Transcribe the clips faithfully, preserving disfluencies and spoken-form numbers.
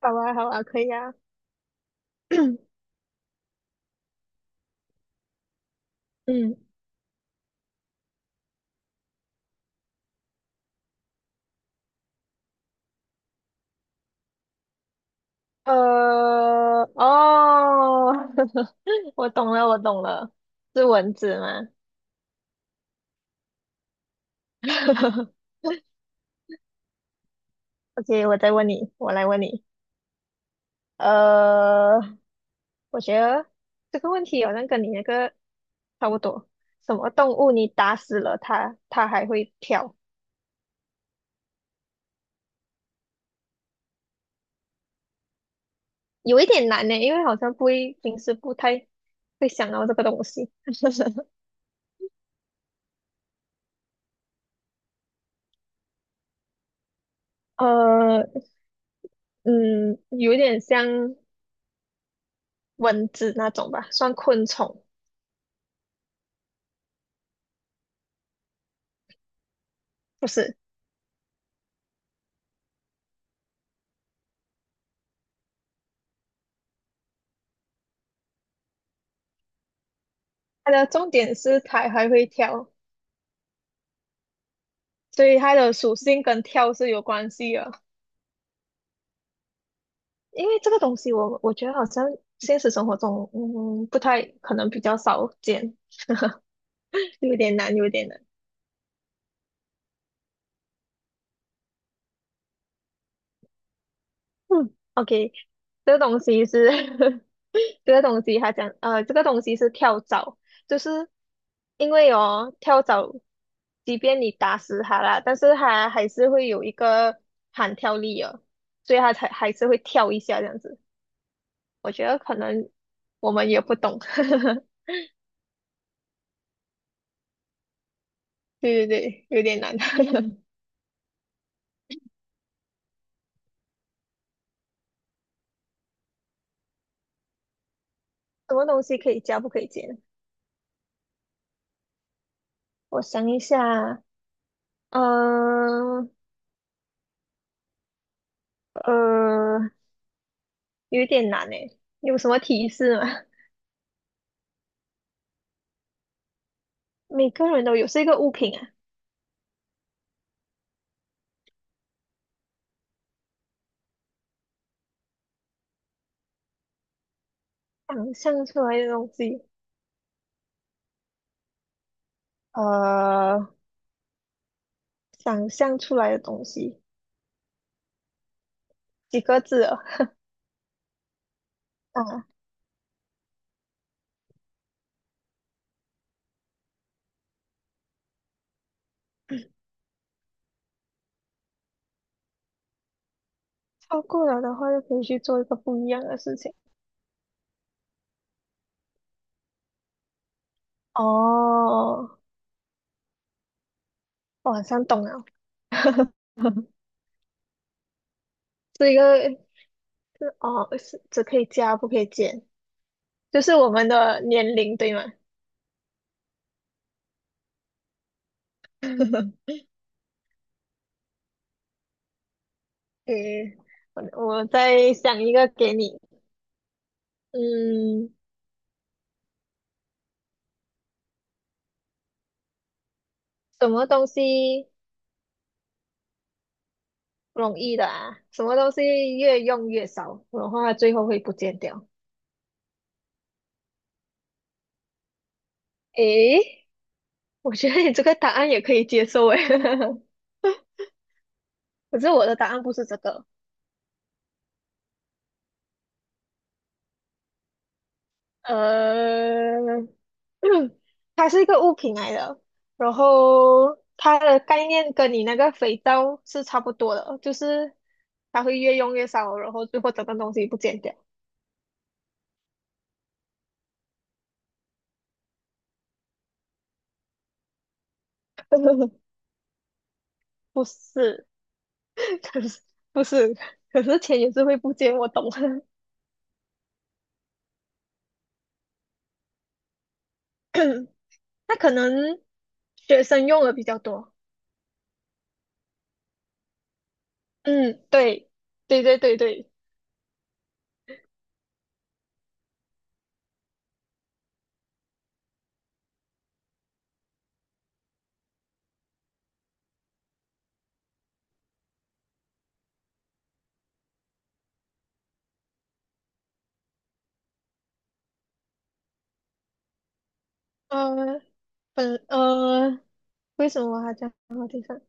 好啊，好啊，可以啊。嗯，呃，哦，我懂了，我懂了，是蚊子吗 ？OK，我再问你，我来问你。呃，我觉得这个问题好像跟你那个差不多。什么动物你打死了它，它还会跳？有一点难呢，因为好像不会，平时不太会想到这个东西。呃，嗯，有一点像蚊子那种吧，算昆虫。不是，它的重点是它还会跳，所以它的属性跟跳是有关系的。因为这个东西我，我觉得好像现实生活中，嗯，不太可能比较少见，有点难，有点难。嗯，OK，这个东西是 这个东西，它讲呃，这个东西是跳蚤，就是因为哦，跳蚤，即便你打死它啦，但是它还是会有一个弹跳力哦，所以它才还是会跳一下这样子。我觉得可能我们也不懂，对对对，有点难。什么东西可以加不可以减？我想一下，嗯呃，呃有点难诶，有什么提示吗？每个人都有，是一个物品啊，想象出来的东西，呃，想象出来的东西，几个字啊？啊，超过了的话就可以去做一个不一样的事情。哦，我好像懂了，是一个。哦，是只可以加不可以减，就是我们的年龄对吗？诶，我我再想一个给你，嗯，什么东西容易的啊？什么东西越用越少，的话最后会不见掉？诶，我觉得你这个答案也可以接受诶，可是我的答案不是这个，呃，嗯它是一个物品来的，然后它的概念跟你那个肥皂是差不多的，就是它会越用越少，然后最后整个东西不见掉。不是，可是不是，可是钱也是会不见，我懂。那可能学生用的比较多。嗯，对，对对对对，呃，本呃，为什么我还讲到地上？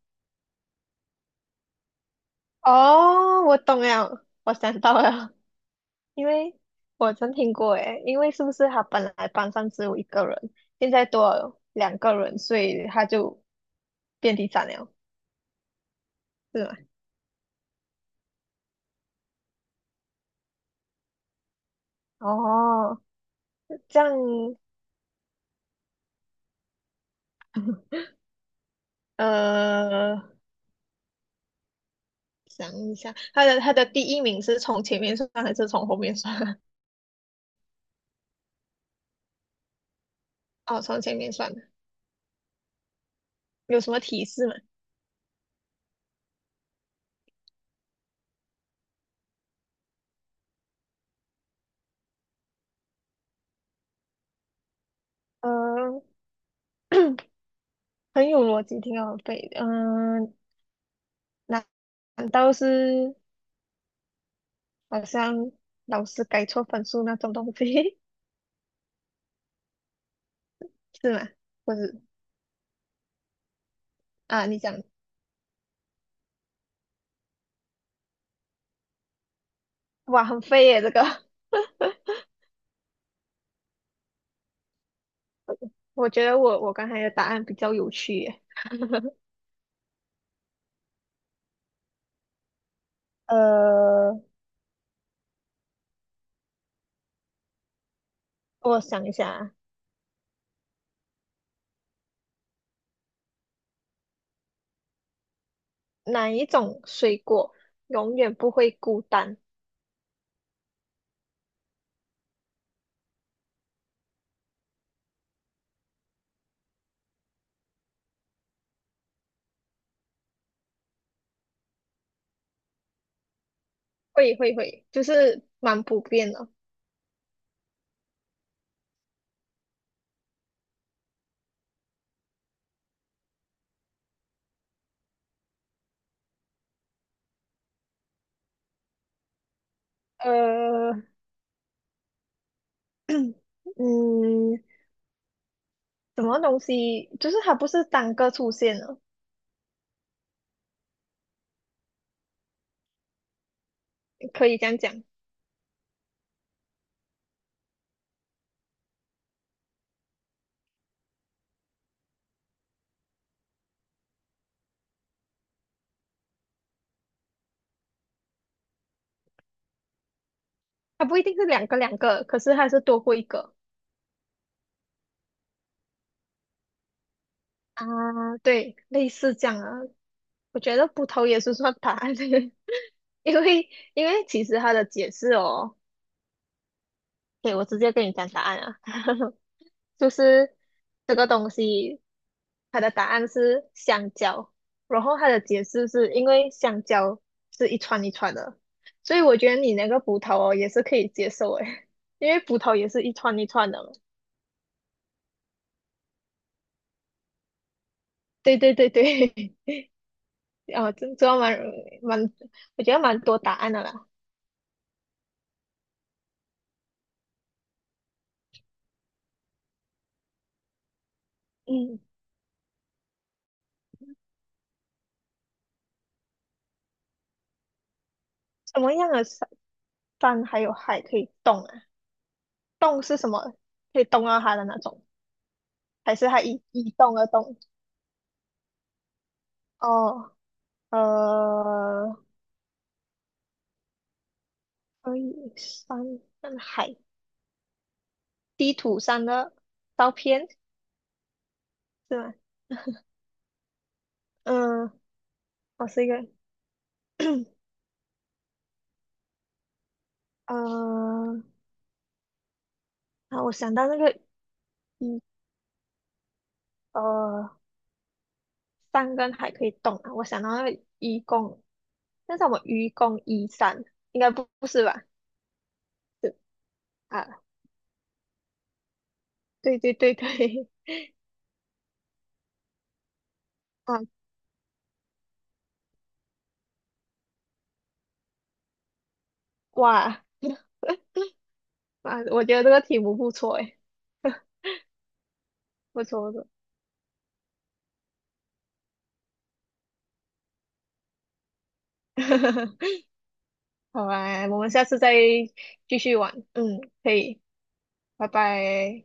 哦，我懂了，我想到了，因为我曾听过诶，因为是不是他本来班上只有一个人，现在多了两个人，所以他就遍地斩了，是吗？哦，这样，呃，想一下，他的他的第一名是从前面算还是从后面算啊 哦，从前面算的，有什么提示吗？呃，很有逻辑，挺好背的。嗯、呃难难道是好像老师改错分数那种东西 是吗？不是啊，你讲哇，很飞耶！这个，我觉得我我刚才的答案比较有趣耶。呃，我想一下啊，哪一种水果永远不会孤单？会会会，就是蛮普遍的。呃，嗯，什么东西？就是它不是单个出现的，可以这样讲，它不一定是两个两个，可是它是多过一个啊。对，类似这样啊。我觉得葡萄也是算答案，因为因为其实它的解释哦。对，我直接跟你讲答案啊，就是这个东西，它的答案是香蕉，然后它的解释是因为香蕉是一串一串的，所以我觉得你那个葡萄哦也是可以接受诶，因为葡萄也是一串一串的嘛。对对对对，啊，这这蛮蛮，我觉得蛮多答案的啦。嗯，什么样的山，山还有海可以动啊？动是什么？可以动到它的那种，还是它一一动而动？哦。呃，可以山跟海地图上的照片是吗？嗯，我是一个，呃，啊，我想到那个一呃，山跟海可以动啊，我想到那个愚公，但是我们愚公移山，应该不不是吧？是啊，对对对对，啊，哇啊，我觉得这个题目不错诶，不错不错，好啊，我们下次再继续玩，嗯，可以，拜拜。